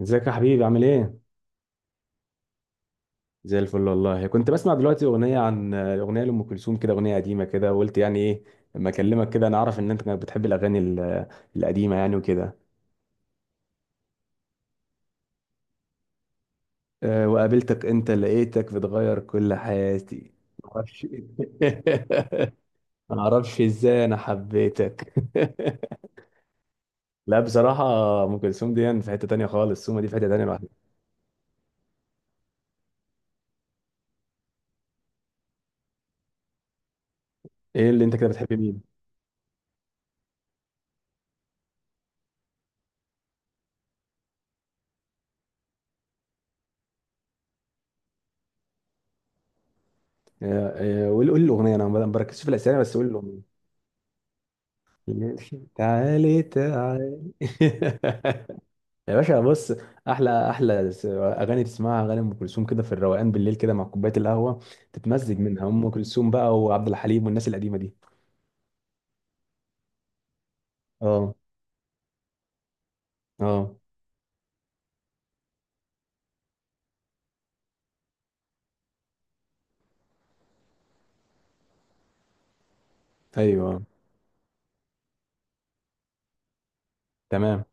ازيك يا حبيبي عامل ايه؟ زي الفل والله. كنت بسمع دلوقتي اغنيه لام كلثوم كده، اغنيه قديمه كده، وقلت يعني ايه اما اكلمك كده. انا اعرف ان انت كنت بتحب الاغاني القديمه يعني وكده. أه، وقابلتك انت لقيتك بتغير كل حياتي. معرفش. معرفش ازاي انا حبيتك. لا بصراحه، ام كلثوم دي يعني في حته تانيه خالص، سومه دي في حته تانيه لوحدها. ايه اللي انت كده بتحب مين؟ أه، أه، قول قول الاغنيه، انا ما بركزش في الاسامي بس قول الاغنيه. تعالي تعالي. يا باشا بص، احلى احلى اغاني تسمعها اغاني ام كلثوم كده في الروقان بالليل كده مع كوبايه القهوه، تتمزج منها ام كلثوم بقى، وعبد الحليم والناس القديمه دي. اه، اه. ايوه، تمام.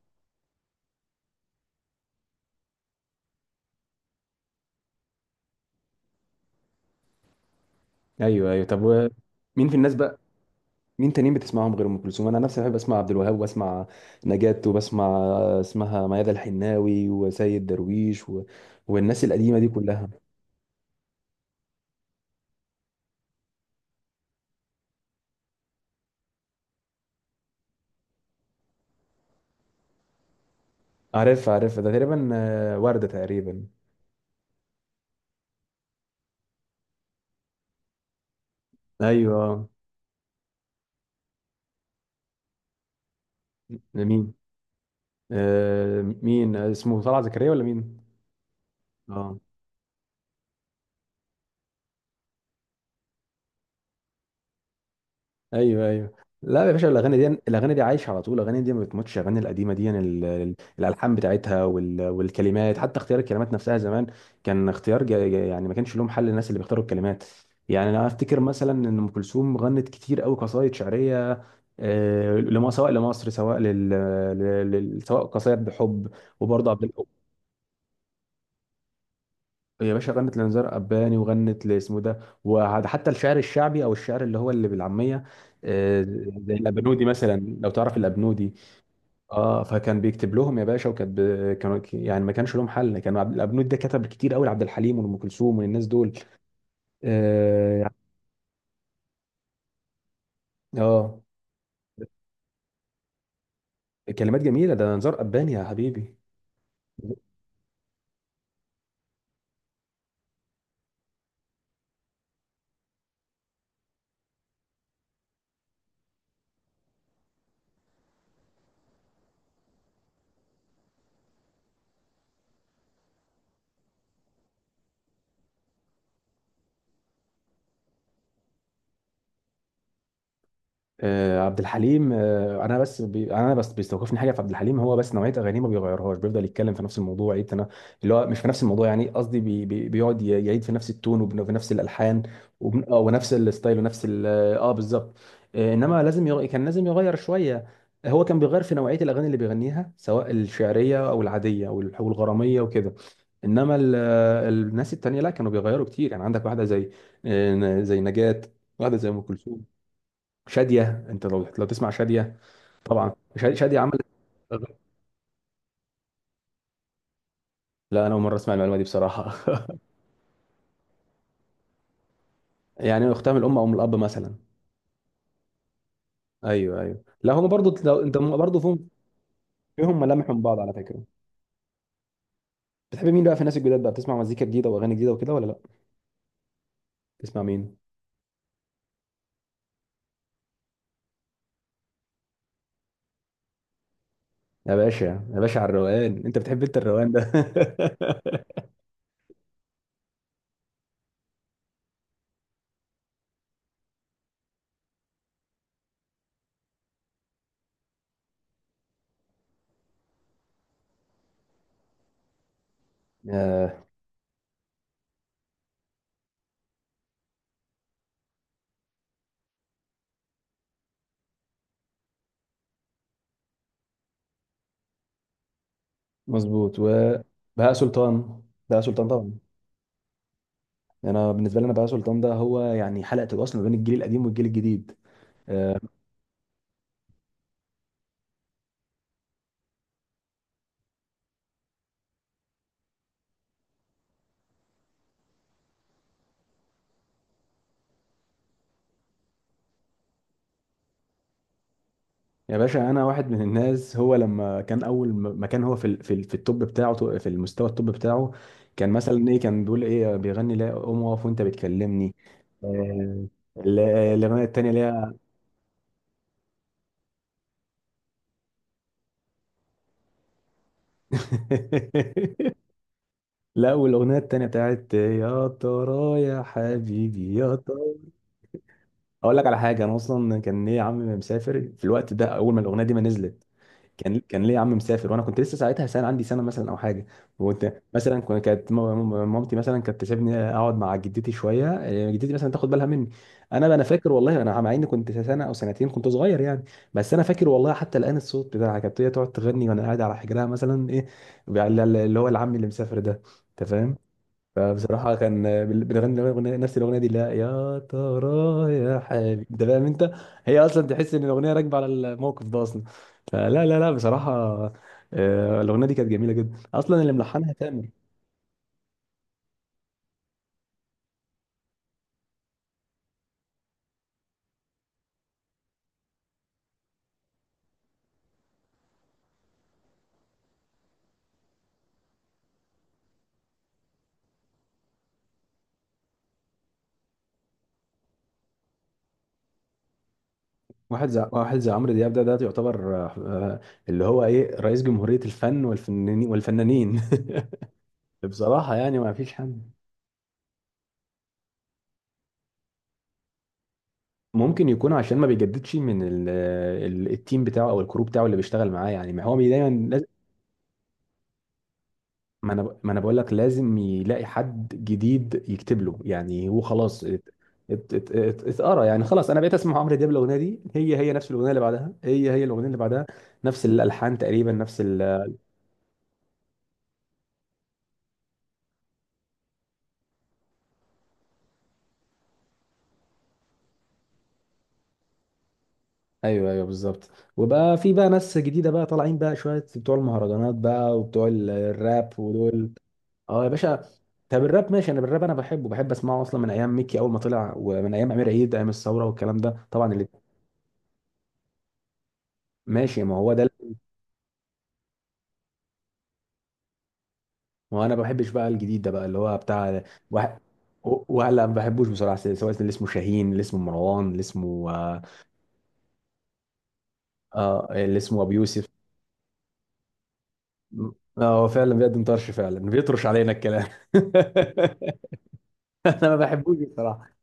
ايوه، ايوه، طب مين في الناس بقى، مين تانيين بتسمعهم غير ام كلثوم؟ انا نفسي بحب اسمع عبد الوهاب، واسمع نجاة، وبسمع اسمها ميادة الحناوي، وسيد درويش، والناس القديمه دي كلها. عارف عارف، ده تقريبا، وردة تقريبا. ايوه، آه. مين مين اسمه طلعت زكريا ولا مين؟ اه، ايوه، ايوه. لا يا باشا، الاغاني دي الاغاني دي عايشه على طول، الاغاني دي ما بتموتش، الاغاني القديمه دي يعني الالحان بتاعتها والكلمات، حتى اختيار الكلمات نفسها زمان كان اختيار يعني ما كانش لهم حل الناس اللي بيختاروا الكلمات. يعني انا افتكر مثلا ان ام كلثوم غنت كتير قوي قصايد شعريه، لما، سواء لمصر، سواء سواء قصايد بحب، وبرضه عبد. يا باشا، غنت لنزار قباني، وغنت لاسمه ده، وحتى الشعر الشعبي او الشعر اللي هو اللي بالعاميه، آه، زي الابنودي مثلا، لو تعرف الابنودي. اه، فكان بيكتب لهم يا باشا، كانوا، يعني ما كانش لهم حل، كانوا عبد الابنودي ده كتب كتير قوي لعبد الحليم وام كلثوم والناس دول. اه, يعني، آه. كلمات جميله، ده نزار قباني يا حبيبي. عبد الحليم، انا بس بيستوقفني حاجه في عبد الحليم، هو بس نوعيه اغانيه ما بيغيرهاش، بيفضل يتكلم في نفس الموضوع، يعيد اللي هو مش في نفس الموضوع، يعني قصدي بيقعد يعيد في نفس التون، وفي نفس الالحان، وبن... آه، ونفس الستايل ونفس اه، بالظبط. انما كان لازم يغير شويه. هو كان بيغير في نوعيه الاغاني اللي بيغنيها، سواء الشعريه او العاديه او والغراميه وكده، انما الناس التانيه لا، كانوا بيغيروا كتير، يعني عندك واحده زي نجاة، واحده زي ام كلثوم، شادية. انت لو تسمع شادية، طبعا شادية عملت. لا انا اول مره اسمع المعلومه دي بصراحه. يعني اختها من الام او من الاب مثلا. ايوه، ايوه، لا، هم برضو لو انت، هم برضو فيهم، فيهم ملامح من بعض على فكره. بتحب مين بقى في الناس الجداد بقى، بتسمع مزيكا جديده واغاني جديده وكده ولا لا؟ بتسمع مين؟ يا باشا يا باشا، على الروقان انت بتحب، انت الروقان ده. آه، مظبوط، وبهاء سلطان، بهاء سلطان طبعا. يعني انا بالنسبه لي انا، بهاء سلطان ده هو يعني حلقه الوصل ما بين الجيل القديم والجيل الجديد. آه، يا باشا، انا واحد من الناس، هو لما كان اول ما كان هو في التوب بتاعه، في المستوى التوب بتاعه، كان مثلا ايه، كان بيقول ايه، بيغني لا قوم اقف وانت بتكلمني. آه، الاغنيه التانيه اللي هي. لا، والاغنيه التانيه بتاعت يا ترى يا حبيبي يا ترى. اقول لك على حاجه، انا اصلا كان ايه عمي مسافر في الوقت ده، اول ما الاغنيه دي ما نزلت، كان ليه عم مسافر، وانا كنت لسه ساعتها سنه، عندي سنه مثلا او حاجه، وكنت مثلا كانت مامتي مثلا كانت تسيبني اقعد مع جدتي شويه، جدتي مثلا تاخد بالها مني. انا فاكر والله، انا مع اني كنت سنه او سنتين، كنت صغير يعني، بس انا فاكر والله حتى الان الصوت بتاعها، كانت هي تقعد تغني وانا قاعد على حجرها مثلا ايه اللي هو العم اللي مسافر ده. انت فاهم؟ فبصراحة كان بنغني نفس الأغنية دي، لا يا ترى يا حبيبي أنت فاهم أنت، هي أصلا تحس إن الأغنية راكبة على الموقف ده أصلا. فلا، لا، لا، بصراحة. الأغنية دي كانت جميلة جدا أصلا، اللي ملحنها تامر. واحد زي عمرو دياب، ده يعتبر، اللي هو رئيس جمهورية الفن والفنانين والفنانين. بصراحة يعني ما فيش حد. ممكن يكون عشان ما بيجددش من ال التيم بتاعه او الكروب بتاعه اللي بيشتغل معاه، يعني ما هو دايما. ما انا بقول لك لازم يلاقي حد جديد يكتب له، يعني هو خلاص اتقرا، يعني خلاص، انا بقيت اسمع عمرو دياب، الاغنيه دي هي نفس الاغنيه اللي بعدها، هي الاغنيه اللي بعدها، نفس الالحان تقريبا، نفس ال ايوه، ايوه، بالظبط. وبقى في بقى ناس جديده بقى طالعين بقى شويه، بتوع المهرجانات بقى وبتوع الراب ودول. اه يا باشا. طب الراب ماشي، انا بالراب، انا بحبه، بحب اسمعه اصلا من ايام ميكي اول ما طلع، ومن ايام امير عيد، ايام الثوره والكلام ده طبعا اللي ماشي، ما هو ده. وانا ما بحبش بقى الجديد ده بقى اللي هو بتاع، وه- وهلا ما بحبوش بصراحه، سواء اللي اسمه شاهين، اللي اسمه مروان، اللي اسمه ابو يوسف، هو فعلا بيقدم طرش، فعلا بيطرش علينا الكلام. انا ما بحبوش بصراحه.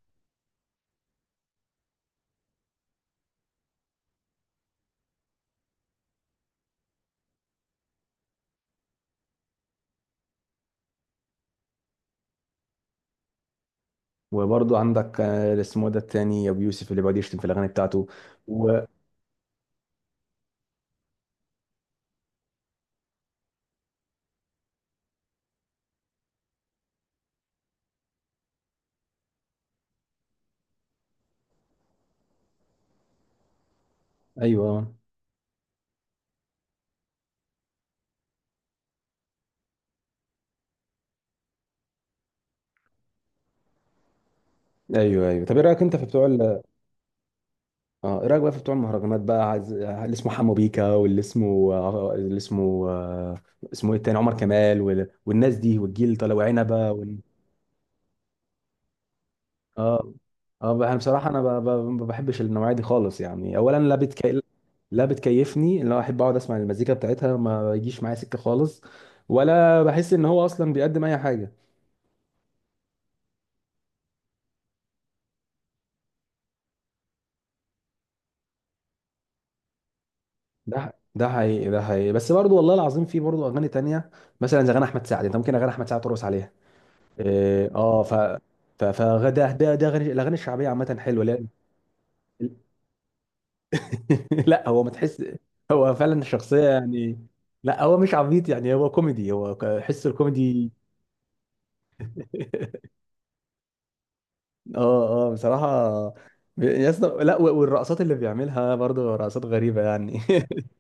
وبرضه عندك اللي اسمه ده التاني ابو يوسف اللي بيقعد يشتم في الاغاني بتاعته، وايوه، ايوه، ايوه، أيوه. طب ايه رايك انت في بتوع، اه، ايه رايك بقى في بتوع المهرجانات بقى؟ عايز اللي اسمه حمو بيكا، واللي اسمه اللي اسمه اسمه ايه التاني، عمر كمال، والناس دي والجيل، طلع وعنبه، اه، اه، انا بصراحه، انا ما بحبش النوعيه دي خالص، يعني اولا، لا بتكيفني، اللي هو احب اقعد اسمع المزيكا بتاعتها ما يجيش معايا سكه خالص، ولا بحس ان هو اصلا بيقدم اي حاجه. ده حقيقي، ده حقيقي، بس برضو والله العظيم، في برضو اغاني تانية مثلا زي اغاني احمد سعد، انت ممكن اغاني احمد سعد ترقص عليها، اه، فده ده ده غني الاغاني الشعبيه عامه حلوه، لا. لا هو ما تحس، هو فعلا الشخصيه يعني. لا هو مش عبيط يعني، هو كوميدي، هو حس الكوميدي. اه، اه، بصراحه، يا اسطى لا والرقصات اللي بيعملها برضه رقصات غريبه يعني.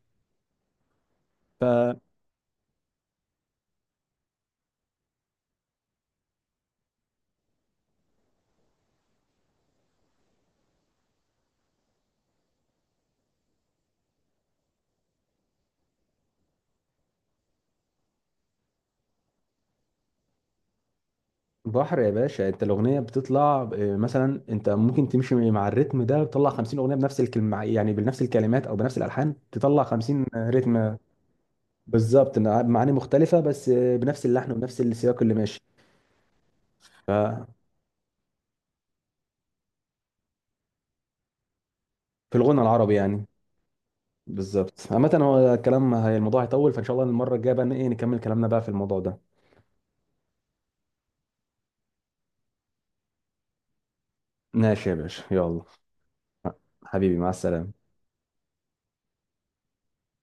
فبحر يا باشا، انت الاغنيه بتطلع إيه، مثلا انت ممكن تمشي مع الريتم ده، تطلع 50 اغنيه بنفس الكلمه، يعني بنفس الكلمات او بنفس الالحان تطلع 50 رتم. بالظبط، إن معاني مختلفة بس بنفس اللحن ونفس السياق اللي ماشي. ف- في الغنى العربي يعني، بالظبط. عامة هو الكلام، هي الموضوع هيطول، فإن شاء الله المرة الجاية بقى نكمل كلامنا بقى في الموضوع ده. ماشي يا باشا، يلا، حبيبي مع السلامة.